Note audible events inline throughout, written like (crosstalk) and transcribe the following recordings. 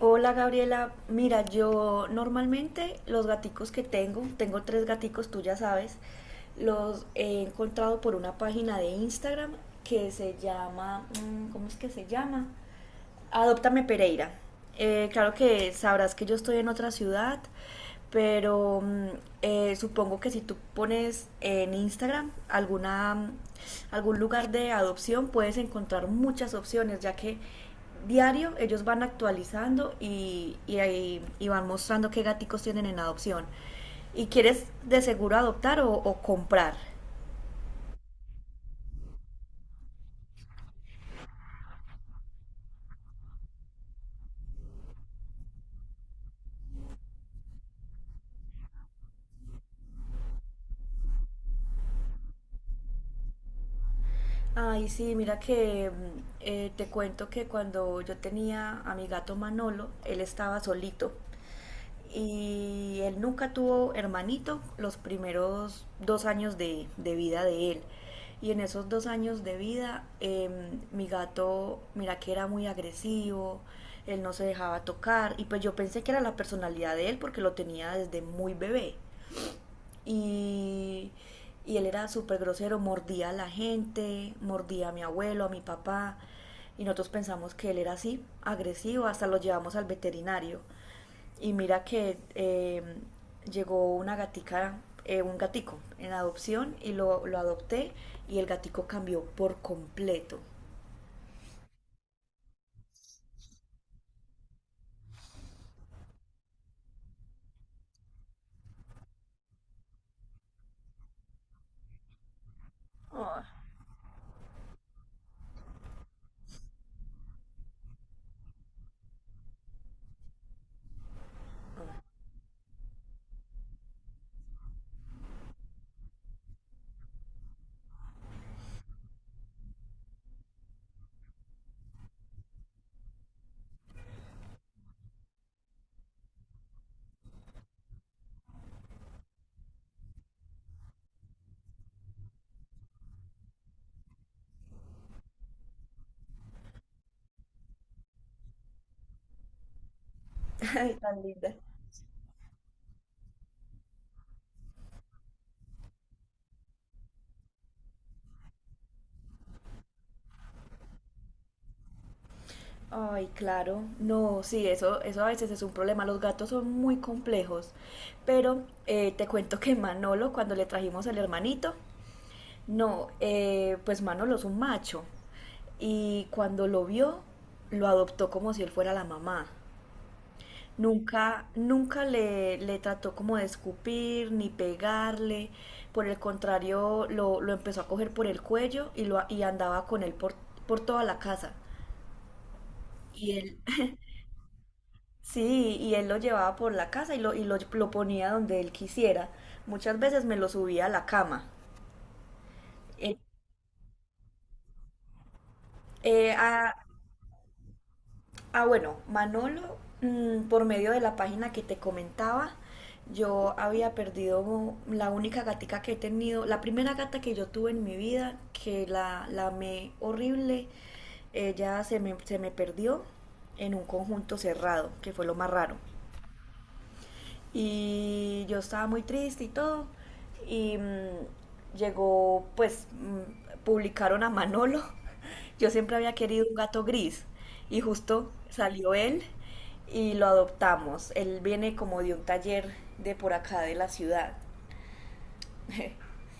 Hola Gabriela, mira, yo normalmente los gaticos que tengo, tengo tres gaticos, tú ya sabes, los he encontrado por una página de Instagram que se llama, ¿cómo es que se llama? Adóptame Pereira. Claro que sabrás que yo estoy en otra ciudad, pero supongo que si tú pones en Instagram alguna, algún lugar de adopción, puedes encontrar muchas opciones, ya que diario ellos van actualizando y van mostrando qué gaticos tienen en adopción. ¿Y quieres de seguro adoptar o comprar? Ay, sí, mira que te cuento que cuando yo tenía a mi gato Manolo, él estaba solito y él nunca tuvo hermanito los primeros 2 años de vida de él. Y en esos 2 años de vida, mi gato, mira que era muy agresivo, él no se dejaba tocar y pues yo pensé que era la personalidad de él porque lo tenía desde muy bebé. Y, y él era súper grosero, mordía a la gente, mordía a mi abuelo, a mi papá. Y nosotros pensamos que él era así, agresivo, hasta lo llevamos al veterinario. Y mira que llegó una gatica, un gatico en adopción lo adopté y el gatico cambió por completo. Oh, ay, (laughs) tan linda. Ay, claro. No, sí, eso a veces es un problema. Los gatos son muy complejos. Pero te cuento que Manolo, cuando le trajimos el hermanito, no, pues Manolo es un macho. Y cuando lo vio, lo adoptó como si él fuera la mamá. Nunca le trató como de escupir ni pegarle. Por el contrario, lo empezó a coger por el cuello y andaba con él por toda la casa. Y él, Sí, y él lo llevaba por la casa lo ponía donde él quisiera. Muchas veces me lo subía a la cama. Eh, eh, ah, bueno, Manolo, por medio de la página que te comentaba, yo había perdido la única gatica que he tenido, la primera gata que yo tuve en mi vida, que la amé horrible, se me perdió en un conjunto cerrado, que fue lo más raro. Y yo estaba muy triste y todo. Y llegó, pues, publicaron a Manolo. (laughs) Yo siempre había querido un gato gris. Y justo salió él y lo adoptamos. Él viene como de un taller de por acá de la ciudad. (laughs)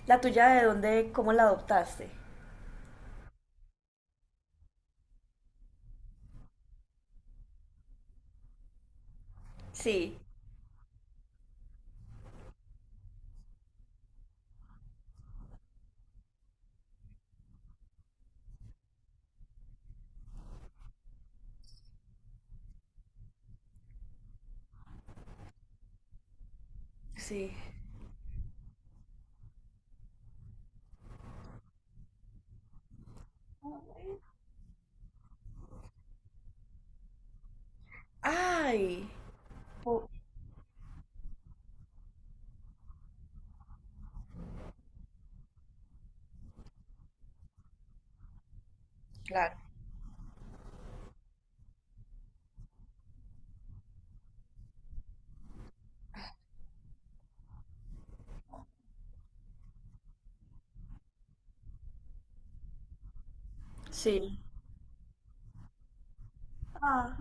¿La tuya de dónde, cómo la adoptaste? Sí, sí. Ay, oh, claro. Sí. Ah,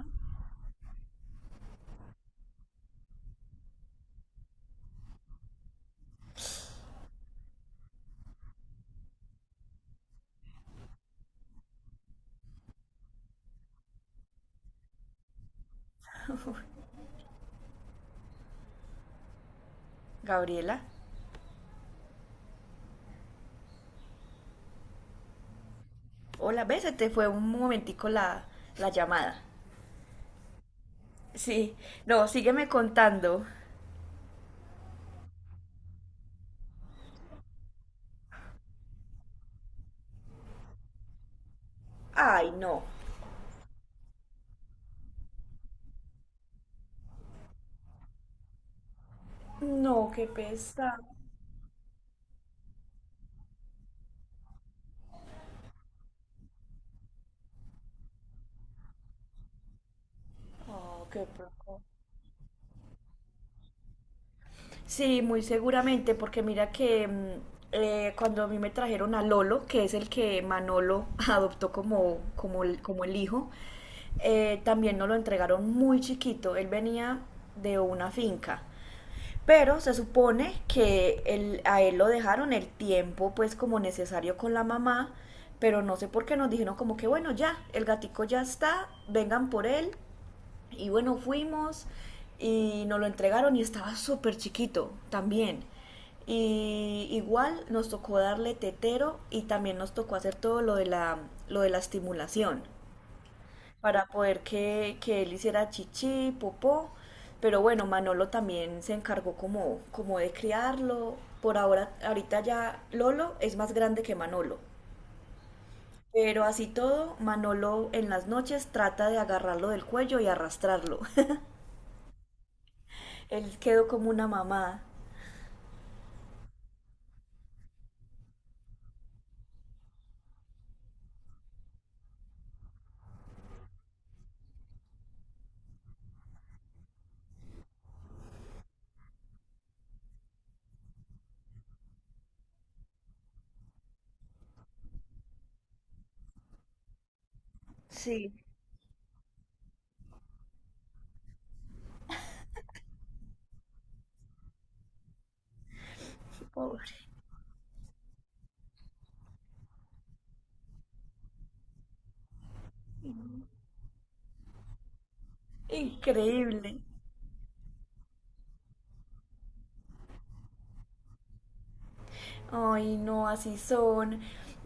Gabriela. Hola, ¿ves? Se te fue un momentico la llamada. Sí, no, sígueme contando. Ay, no. No, qué pesado. Oh, qué poco. Sí, muy seguramente, porque mira que cuando a mí me trajeron a Lolo, que es el que Manolo (laughs) adoptó como el hijo, también nos lo entregaron muy chiquito. Él venía de una finca. Pero se supone que a él lo dejaron el tiempo pues como necesario con la mamá, pero no sé por qué nos dijeron como que bueno, ya, el gatico ya está, vengan por él. Y bueno, fuimos y nos lo entregaron y estaba súper chiquito también. Y igual nos tocó darle tetero y también nos tocó hacer todo lo de lo de la estimulación para poder que él hiciera chichi, popó. Pero bueno, Manolo también se encargó como de criarlo. Por ahorita ya Lolo es más grande que Manolo. Pero así todo, Manolo en las noches trata de agarrarlo del cuello y arrastrarlo. (laughs) Él quedó como una mamá. Sí, pobre. Increíble. Ay, no, así son.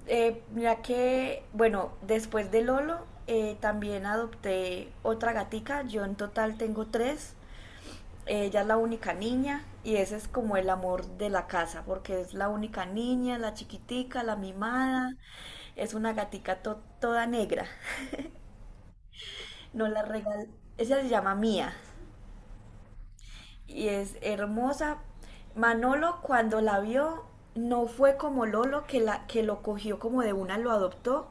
Mira que, bueno, después de Lolo, también adopté otra gatica. Yo en total tengo tres. Ella es la única niña y ese es como el amor de la casa, porque es la única niña, la chiquitica, la mimada. Es una gatica toda negra. No la regal... Ella se llama Mía. Y es hermosa. Manolo cuando la vio no fue como Lolo que lo cogió como de una, lo adoptó.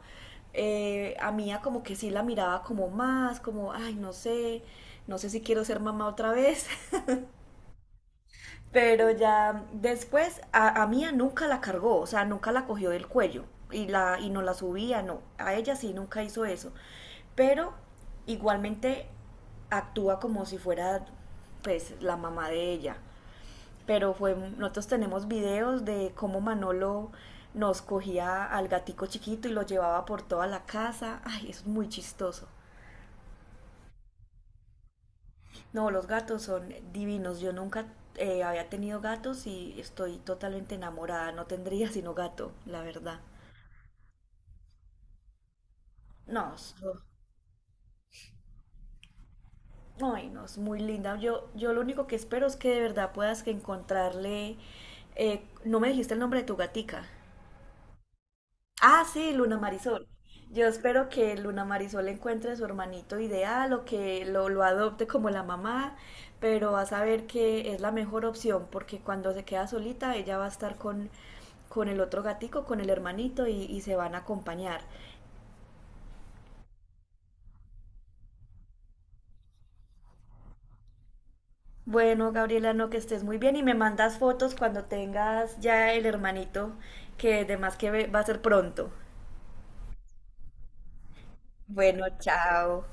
A Mía como que sí la miraba como más, como, ay, no sé, no sé si quiero ser mamá otra vez. (laughs) Pero ya después a Mía nunca la cargó, o sea, nunca la cogió del cuello y no la subía, no. A ella sí nunca hizo eso. Pero igualmente actúa como si fuera pues la mamá de ella pero fue, nosotros tenemos videos de cómo Manolo nos cogía al gatico chiquito y lo llevaba por toda la casa. Ay, eso es muy chistoso. No, los gatos son divinos. Yo nunca había tenido gatos y estoy totalmente enamorada. No tendría sino gato, la verdad. No, so- ay, no, es muy linda. Yo lo único que espero es que de verdad puedas que encontrarle... no me dijiste el nombre de tu gatica. Ah, sí, Luna Marisol. Yo espero que Luna Marisol encuentre a su hermanito ideal lo adopte como la mamá, pero va a saber que es la mejor opción porque cuando se queda solita ella va a estar con el otro gatico, con el hermanito y se van a acompañar. Bueno, Gabriela, no que estés muy bien y me mandas fotos cuando tengas ya el hermanito que además que va a ser pronto. Bueno, chao.